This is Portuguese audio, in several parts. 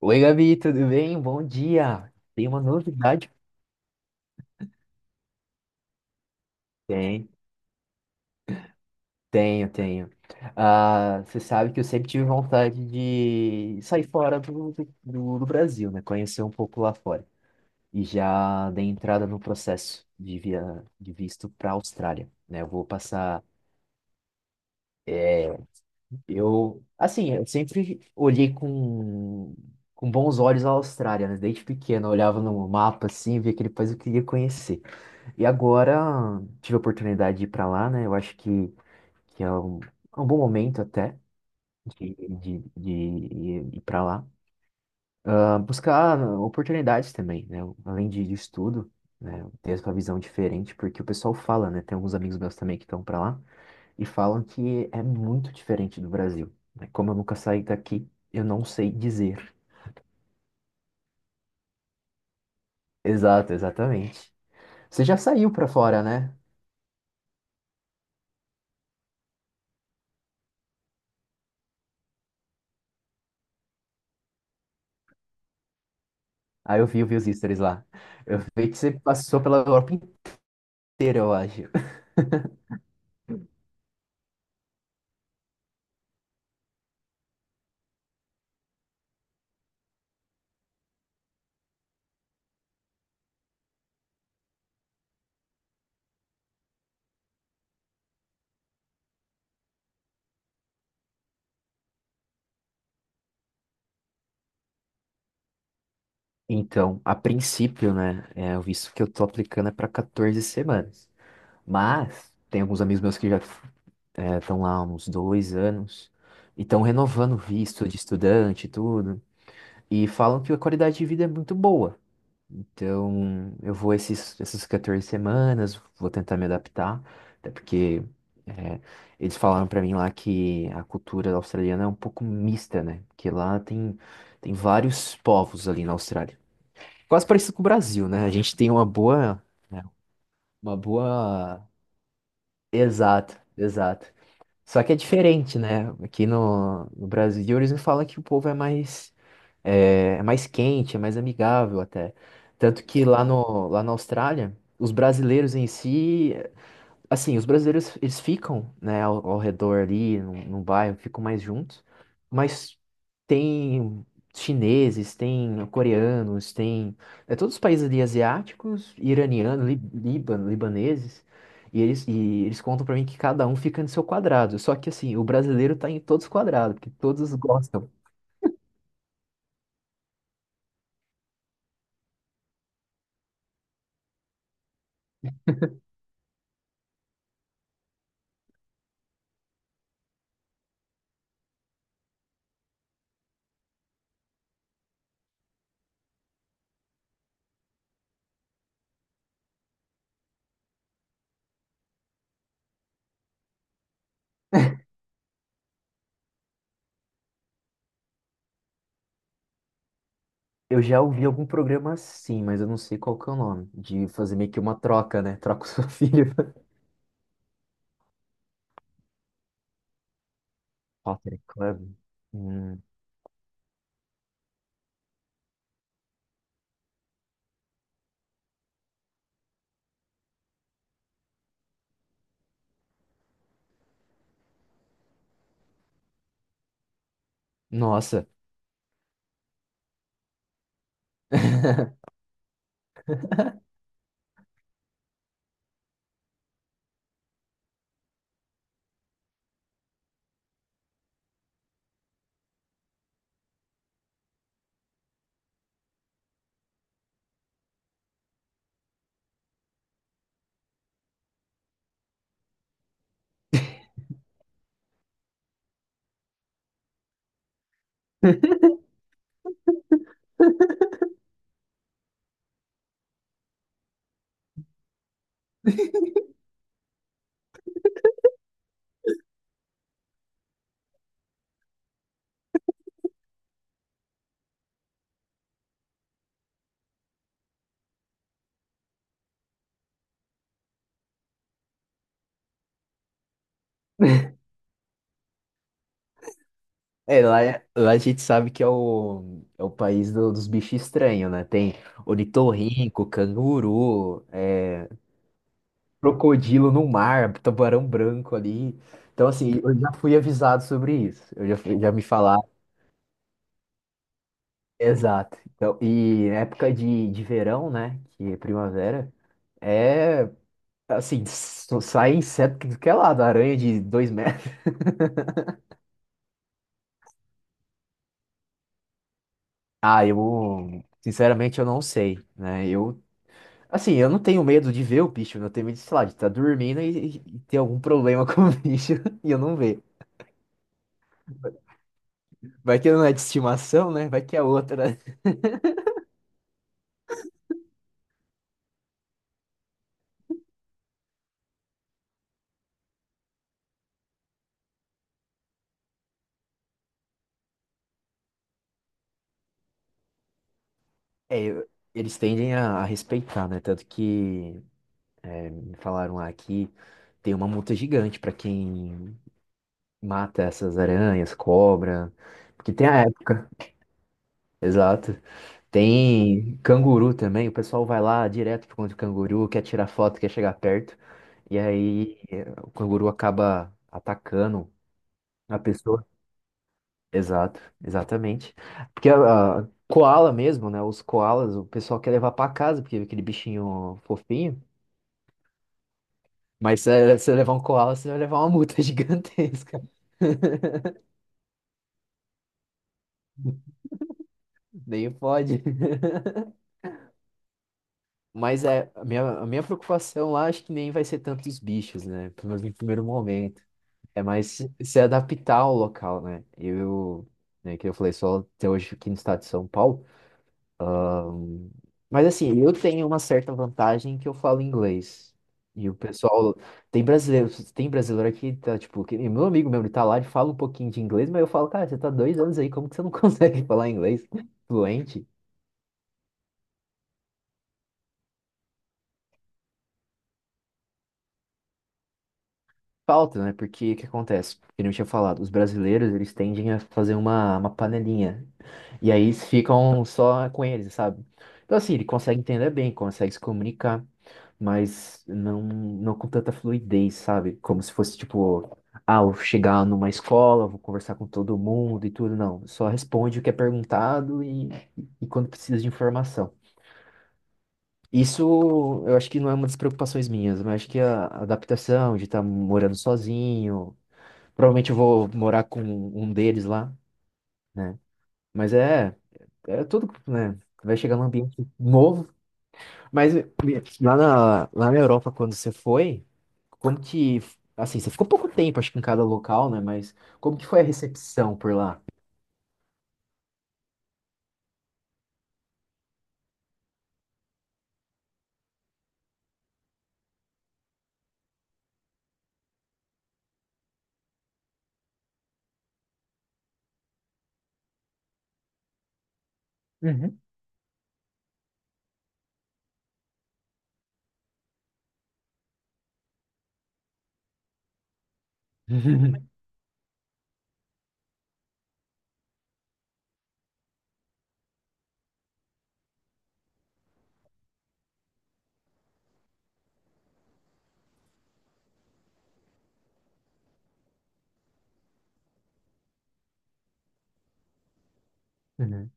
Oi, Gabi, tudo bem? Bom dia. Tem uma novidade? Tem, tenho, tenho. Ah, você sabe que eu sempre tive vontade de sair fora do Brasil, né? Conhecer um pouco lá fora. E já dei entrada no processo de visto para a Austrália, né? Eu vou passar. Eu, assim, eu sempre olhei com bons olhos a Austrália, né? Desde pequeno, eu olhava no mapa assim, via aquele país que eu queria conhecer. E agora tive a oportunidade de ir para lá, né? Eu acho que é um bom momento até de ir para lá. Ah, buscar oportunidades também, né? Além de estudo, né? Ter essa visão diferente, porque o pessoal fala, né? Tem alguns amigos meus também que estão para lá e falam que é muito diferente do Brasil, né? Como eu nunca saí daqui, eu não sei dizer. Exato, exatamente. Você já saiu para fora, né? Aí eu vi, os stories lá. Eu vi que você passou pela Europa inteira, eu acho. Então, a princípio, né, é, o visto que eu tô aplicando é para 14 semanas. Mas tem alguns amigos meus que já estão lá há uns dois anos e estão renovando o visto de estudante e tudo. E falam que a qualidade de vida é muito boa. Então, eu vou essas 14 semanas, vou tentar me adaptar, até porque é, eles falaram para mim lá que a cultura australiana é um pouco mista, né? Porque tem vários povos ali na Austrália. Quase parecido com o Brasil, né? A gente tem uma boa, né, uma boa, exato, exato. Só que é diferente, né? Aqui no Brasil eles me falam que o povo é mais, é mais quente, é mais amigável até. Tanto que lá no, lá na Austrália, os brasileiros em si, assim, os brasileiros, eles ficam, né, ao redor ali, no bairro, ficam mais juntos, mas tem chineses, tem coreanos, tem, é, todos os países ali asiáticos, iranianos, Líbano, libaneses, e eles contam pra mim que cada um fica no seu quadrado, só que assim, o brasileiro tá em todos os quadrados, porque todos gostam. Eu já ouvi algum programa assim, mas eu não sei qual que é o nome, de fazer meio que uma troca, né, troca o seu filho. Potter Club. Hum, nossa. É, lá a gente sabe que é é o país do- dos bichos estranhos, né? Tem ornitorrinco, canguru, é, crocodilo no mar, tubarão branco ali. Então, assim, eu já fui avisado sobre isso. Eu já, fui- já me falaram. Exato. Então, e época de verão, né? Que é primavera, é, assim, só sai inseto que é lá, da aranha de dois metros. Ah, eu sinceramente eu não sei, né? Eu, assim, eu não tenho medo de ver o bicho, eu tenho medo, de, sei lá, de estar dormindo e ter algum problema com o bicho e eu não ver. Vai que não é de estimação, né? Vai que é outra. É, eu- eles tendem a respeitar, né? Tanto que me falaram "Ah, aqui tem uma multa gigante pra quem mata essas aranhas, cobra, porque tem a época, exato. Tem canguru também, o pessoal vai lá direto pro contra o canguru, quer tirar foto, quer chegar perto. E aí eh, o canguru acaba atacando a pessoa. Exato, exatamente. Porque a koala mesmo, né? Os koalas, o pessoal quer levar pra casa, porque é aquele bichinho fofinho. Mas se você levar um koala, você vai levar uma multa gigantesca. Nem pode. Mas é, a minha preocupação lá, acho que nem vai ser tanto os bichos, né? Pelo menos no primeiro momento. É mais se se adaptar ao local, né? Eu, né, que eu falei, só até hoje aqui no estado de São Paulo. Mas assim, eu tenho uma certa vantagem que eu falo inglês. E o pessoal. Tem brasileiro aqui, tá, tipo, que, nem meu amigo mesmo, ele tá lá, ele fala um pouquinho de inglês, mas eu falo, cara, você tá dois anos aí, como que você não consegue falar inglês fluente? Falta, né? Porque o que acontece? Eu não tinha falado, os brasileiros, eles tendem a fazer uma panelinha. E aí eles ficam só com eles, sabe? Então, assim, ele consegue entender bem, consegue se comunicar, mas não com tanta fluidez, sabe? Como se fosse, tipo, ah, eu chegar numa escola, vou conversar com todo mundo e tudo. Não, só responde o que é perguntado e quando precisa de informação. Isso eu acho que não é uma das preocupações minhas, mas acho que a adaptação de estar morando sozinho, provavelmente eu vou morar com um deles lá, né? Mas é, é tudo, né? Vai chegar num ambiente novo. Mas eh, lá na Europa, quando você foi, como que, assim, você ficou pouco tempo, acho que em cada local, né? Mas como que foi a recepção por lá? Uhum. Uhum.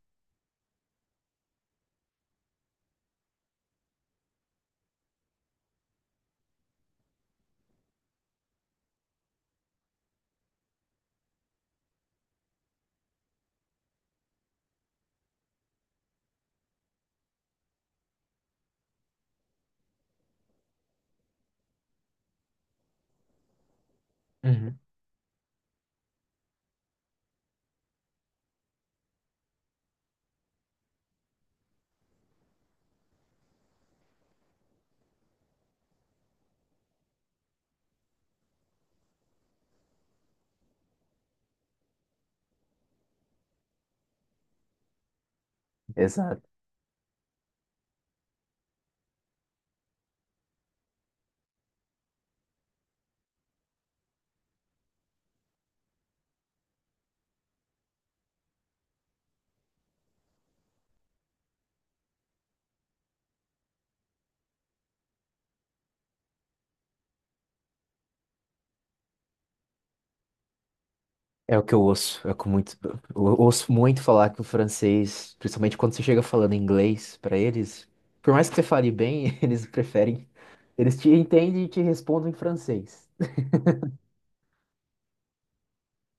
Uhum. Exato. É o que eu ouço, é o que muito, eu ouço muito falar que o francês, principalmente quando você chega falando inglês pra eles, por mais que você fale bem, eles preferem, eles te entendem e te respondem em francês.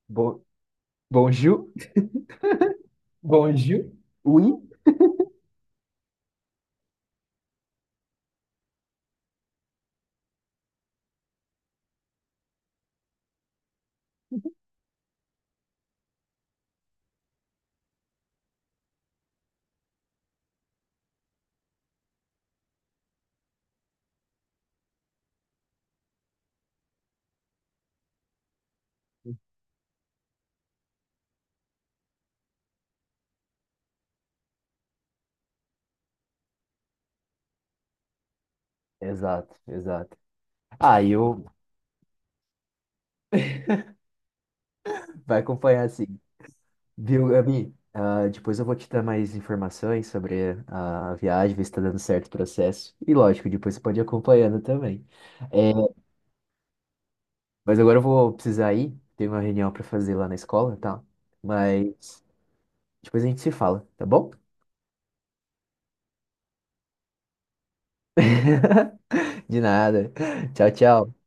Bo- Bonjour, Bonjour. Oui. Exato, exato. Ah, e eu vai acompanhar assim, viu, Gabi? Ah, depois eu vou te dar mais informações sobre a viagem, ver se tá dando certo o processo. E lógico, depois você pode ir acompanhando também. É, mas agora eu vou precisar ir. Tem uma reunião pra fazer lá na escola, tá? Mas depois a gente se fala, tá bom? De nada. Tchau, tchau.